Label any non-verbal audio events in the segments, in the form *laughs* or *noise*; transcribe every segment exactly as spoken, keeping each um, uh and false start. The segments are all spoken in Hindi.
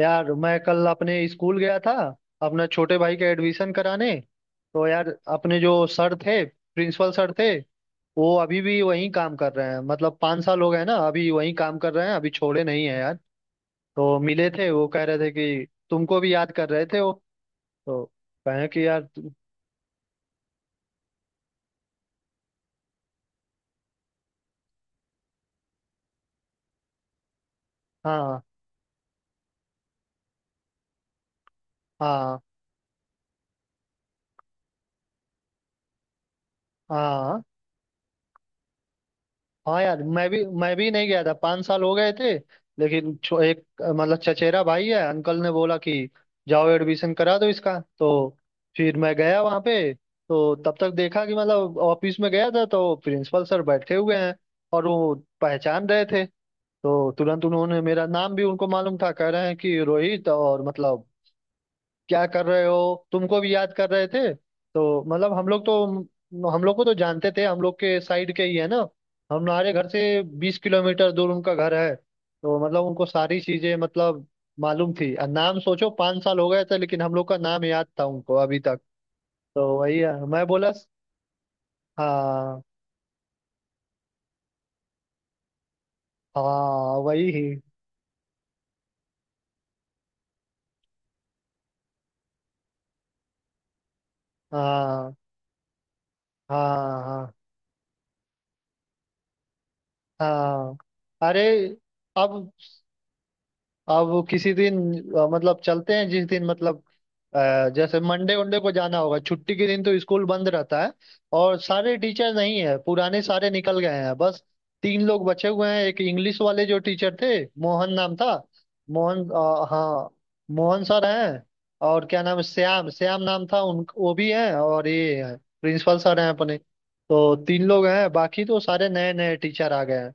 यार मैं कल अपने स्कूल गया था अपना छोटे भाई का एडमिशन कराने। तो यार अपने जो सर थे प्रिंसिपल सर थे वो अभी भी वहीं काम कर रहे हैं। मतलब पाँच साल हो गए ना, अभी वहीं काम कर रहे हैं, अभी छोड़े नहीं है यार। तो मिले थे, वो कह रहे थे कि तुमको भी याद कर रहे थे वो। तो कहें कि यार। तुम- हाँ हाँ हाँ हाँ यार, मैं भी मैं भी नहीं गया था, पाँच साल हो गए थे। लेकिन छो- एक अ, मतलब चचेरा भाई है, अंकल ने बोला कि जाओ एडमिशन करा दो इसका। तो फिर मैं गया वहाँ पे, तो तब तक देखा कि मतलब ऑफिस में गया था तो प्रिंसिपल सर बैठे हुए हैं और वो पहचान रहे थे। तो तुरंत उन्होंने मेरा नाम भी, उनको मालूम था, कह रहे हैं कि रोहित, और मतलब क्या कर रहे हो, तुमको भी याद कर रहे थे। तो मतलब हम लोग तो हम लोग को तो जानते थे, हम लोग के साइड के ही है ना, हमारे घर से बीस किलोमीटर दूर उनका घर है। तो मतलब उनको सारी चीजें मतलब मालूम थी, और नाम सोचो, पाँच साल हो गए थे लेकिन हम लोग का नाम याद था उनको अभी तक। तो वही है, मैं बोला हाँ हाँ वही ही। हाँ हाँ हाँ हाँ। अरे अब अब वो किसी दिन अ, मतलब चलते हैं जिस दिन मतलब अ, जैसे मंडे वंडे को जाना होगा, छुट्टी के दिन तो स्कूल बंद रहता है और सारे टीचर नहीं है, पुराने सारे निकल गए हैं। बस तीन लोग बचे हुए हैं, एक इंग्लिश वाले जो टीचर थे, मोहन नाम था। मोहन अ, हाँ मोहन सर हैं। और क्या नाम है, श्याम, श्याम नाम था उन वो भी हैं, और ये हैं प्रिंसिपल सर हैं अपने। तो तीन लोग हैं, बाकी तो सारे नए नए टीचर आ गए हैं।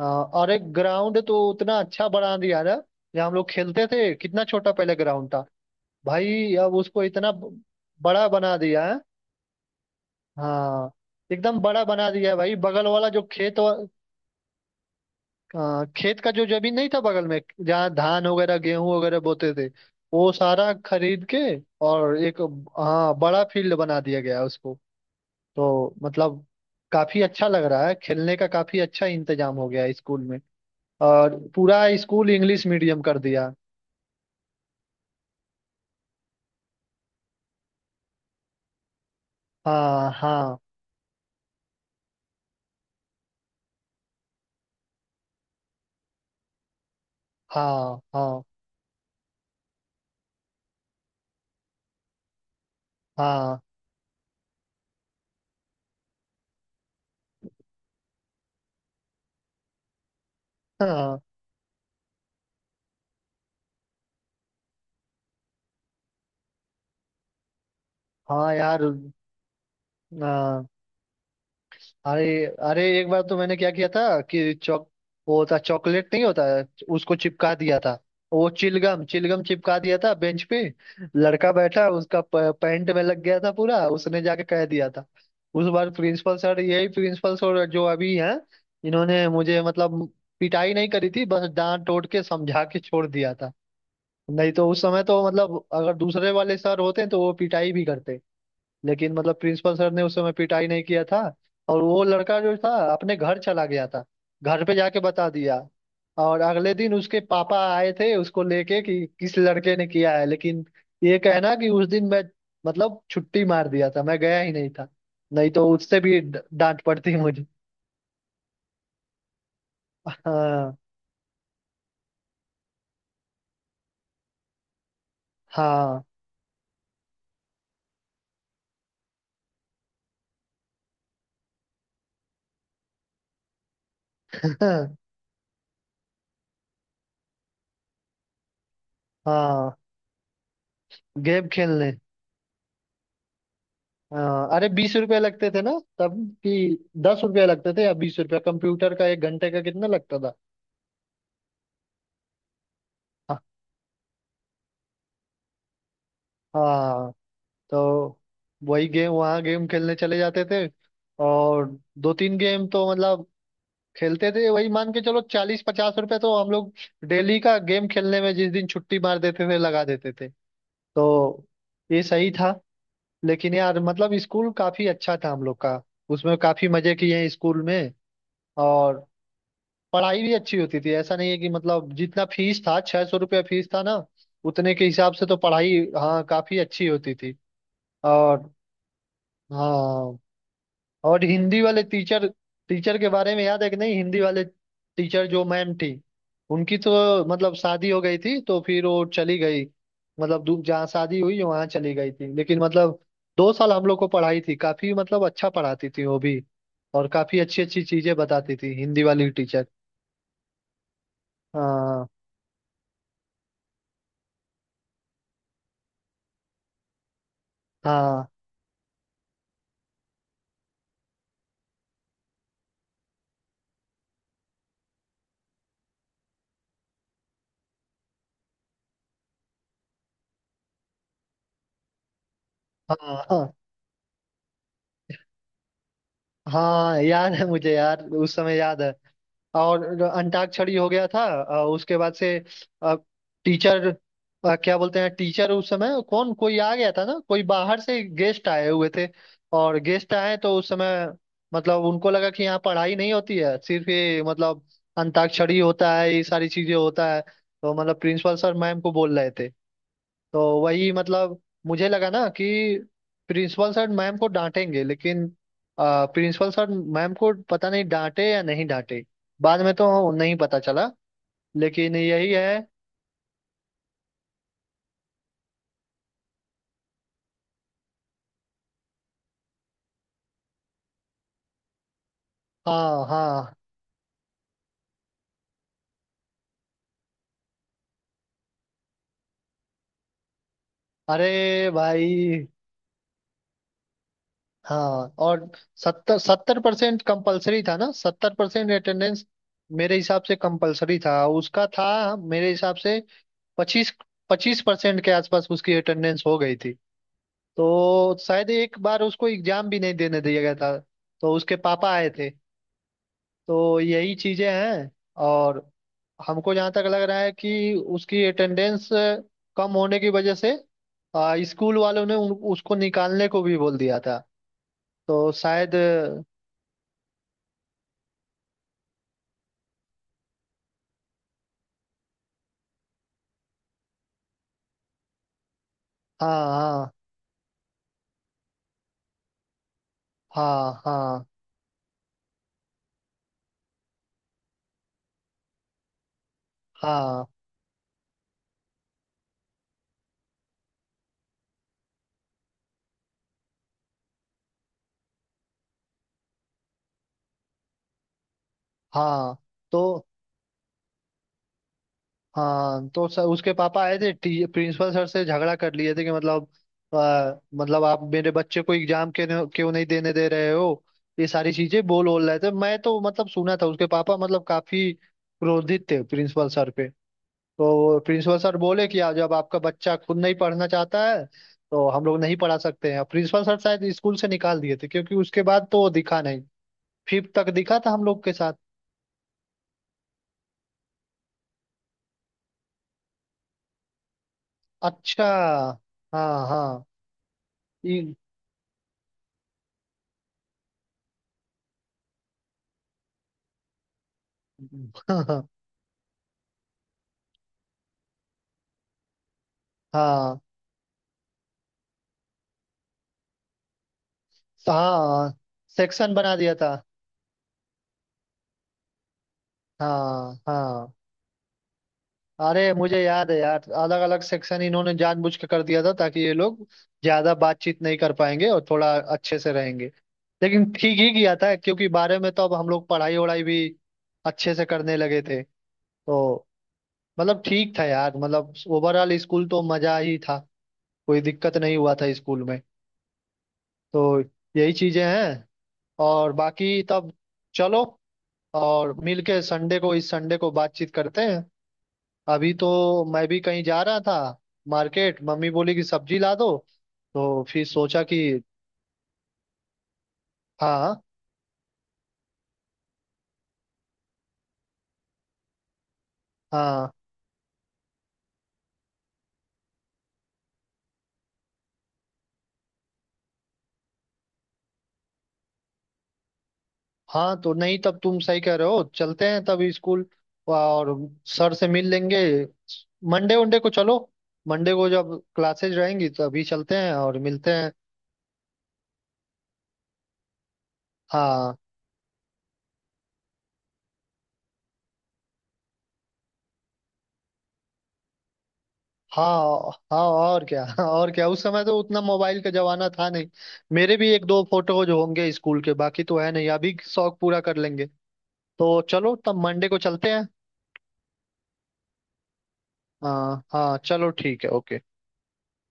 हाँ, और एक ग्राउंड तो उतना अच्छा बना दिया ना, जहाँ हम लोग खेलते थे। कितना छोटा पहले ग्राउंड था भाई, अब उसको इतना ब- बड़ा बना दिया है। हाँ, एकदम बड़ा बना दिया है भाई। बगल वाला जो खेत वा, आ, खेत का जो जमीन नहीं था बगल में, जहाँ धान वगैरह गेहूं वगैरह बोते थे, वो सारा खरीद के और एक, हाँ, बड़ा फील्ड बना दिया गया है उसको। तो मतलब काफी अच्छा लग रहा है, खेलने का काफी अच्छा इंतजाम हो गया है स्कूल में। और पूरा स्कूल इंग्लिश मीडियम कर दिया। हाँ हाँ हाँ हाँ हाँ हाँ हाँ यार, हाँ। अरे अरे एक बार तो मैंने क्या किया था कि चॉक, वो होता चॉकलेट नहीं होता, उसको चिपका दिया था। वो चिलगम चिलगम चिपका दिया था बेंच पे। लड़का बैठा, उसका प- पैंट में लग गया था पूरा, उसने जाके कह दिया था। उस बार प्रिंसिपल सर, यही प्रिंसिपल सर जो अभी हैं, इन्होंने मुझे मतलब पिटाई नहीं करी थी, बस डांट टोट के समझा के छोड़ दिया था। नहीं तो उस समय तो मतलब अगर दूसरे वाले सर होते तो वो पिटाई भी करते। लेकिन मतलब प्रिंसिपल सर ने उस समय पिटाई नहीं किया था। और वो लड़का जो था अपने घर चला गया था, घर पे जाके बता दिया। और अगले दिन उसके पापा आए थे उसको लेके कि किस लड़के ने किया है, लेकिन ये कहना कि उस दिन मैं मतलब छुट्टी मार दिया था, मैं गया ही नहीं था। नहीं तो उससे भी ड- डांट पड़ती मुझे। हाँ हाँ *laughs* हाँ, गेम खेलने। हाँ, अरे बीस रुपए लगते थे ना तब, कि दस रुपए लगते थे या बीस रुपया, कंप्यूटर का एक घंटे का कितना लगता था। हाँ हाँ, तो वही गेम, वहाँ गेम खेलने चले जाते थे। और दो तीन गेम तो मतलब खेलते थे, वही मान के चलो चालीस पचास रुपए तो हम लोग डेली का गेम खेलने में जिस दिन छुट्टी मार देते थे लगा देते थे। तो ये सही था। लेकिन यार मतलब स्कूल काफी अच्छा था हम लोग का, उसमें काफी मजे किए हैं स्कूल में। और पढ़ाई भी अच्छी होती थी, ऐसा नहीं है कि मतलब जितना फीस था, छह सौ रुपया फीस था ना, उतने के हिसाब से तो पढ़ाई हाँ काफी अच्छी होती थी। और हाँ, और हिंदी वाले टीचर, टीचर के बारे में याद है कि नहीं, हिंदी वाले टीचर जो मैम थी, उनकी तो मतलब शादी हो गई थी, तो फिर वो चली गई। मतलब दू- जहाँ शादी हुई वहाँ चली गई थी, लेकिन मतलब दो साल हम लोग को पढ़ाई थी, काफी मतलब अच्छा पढ़ाती थी वो भी। और काफी अच्छी अच्छी चीजें बताती थी हिंदी वाली टीचर। हाँ हाँ हाँ हाँ, हाँ, याद है मुझे यार उस समय याद है। और अंताक्षरी हो गया था, अ, उसके बाद से टीचर, क्या बोलते हैं टीचर, उस समय कौन कोई आ गया था ना, कोई बाहर से गेस्ट आए हुए थे। और गेस्ट आए तो उस समय मतलब उनको लगा कि यहाँ पढ़ाई नहीं होती है, सिर्फ ये मतलब अंताक्षरी होता है, ये सारी चीजें होता है। तो मतलब प्रिंसिपल सर मैम को बोल रहे थे। तो वही मतलब मुझे लगा ना कि प्रिंसिपल सर मैम को डांटेंगे, लेकिन प्रिंसिपल सर मैम को पता नहीं डांटे या नहीं डांटे, बाद में तो नहीं पता चला, लेकिन यही है। हाँ हाँ, अरे भाई। हाँ, और सत्तर सत्तर परसेंट कंपल्सरी था ना, सत्तर परसेंट अटेंडेंस मेरे हिसाब से कंपल्सरी था, उसका था मेरे हिसाब से पच्चीस पच्चीस परसेंट के आसपास उसकी अटेंडेंस हो गई थी। तो शायद एक बार उसको एग्जाम भी नहीं देने दिया गया था, तो उसके पापा आए थे। तो यही चीजें हैं, और हमको जहाँ तक लग रहा है कि उसकी अटेंडेंस कम होने की वजह से आ, स्कूल वालों ने उन, उसको निकालने को भी बोल दिया था। तो शायद हाँ हाँ हाँ हाँ हाँ हाँ, तो हाँ। तो सर, उसके पापा आए थे टी, प्रिंसिपल सर से झगड़ा कर लिए थे कि मतलब आ, मतलब आप मेरे बच्चे को एग्जाम के क्यों नहीं देने दे रहे हो। ये सारी चीजें बोल बोल रहे थे, मैं तो मतलब सुना था, उसके पापा मतलब काफी क्रोधित थे प्रिंसिपल सर पे। तो प्रिंसिपल सर बोले कि आ, जब आपका बच्चा खुद नहीं पढ़ना चाहता है तो हम लोग नहीं पढ़ा सकते हैं। प्रिंसिपल सर शायद स्कूल से निकाल दिए थे, क्योंकि उसके बाद तो वो दिखा नहीं। फिफ्थ तक दिखा था हम लोग के साथ। अच्छा हाँ हाँ। ये- *laughs* हाँ। तो हाँ, सेक्शन बना दिया था। हाँ हाँ, अरे मुझे याद है यार, अलग अलग सेक्शन इन्होंने जानबूझ के कर दिया था, ताकि ये लोग ज्यादा बातचीत नहीं कर पाएंगे और थोड़ा अच्छे से रहेंगे। लेकिन ठीक ही किया था, क्योंकि बारह में तो अब हम लोग पढ़ाई वढ़ाई भी अच्छे से करने लगे थे। तो मतलब ठीक था यार मतलब, ओवरऑल स्कूल तो मजा ही था, कोई दिक्कत नहीं हुआ था स्कूल में। तो यही चीजें हैं। और बाकी तब चलो, और मिलके संडे को, इस संडे को बातचीत करते हैं। अभी तो मैं भी कहीं जा रहा था मार्केट, मम्मी बोली कि सब्जी ला दो, तो फिर सोचा कि। हाँ हाँ। हाँ, तो नहीं तब तुम सही कह रहे हो, चलते हैं तब स्कूल और सर से मिल लेंगे। मंडे वंडे को चलो। मंडे को जब क्लासेज रहेंगी, तो अभी चलते हैं और मिलते हैं। हाँ हाँ हाँ, और क्या। *laughs* और क्या, उस समय तो उतना मोबाइल का जमाना था नहीं, मेरे भी एक दो फोटोज होंगे स्कूल के, बाकी तो है नहीं, अभी शौक पूरा कर लेंगे। तो चलो तब मंडे को चलते हैं। हाँ हाँ चलो ठीक है ओके।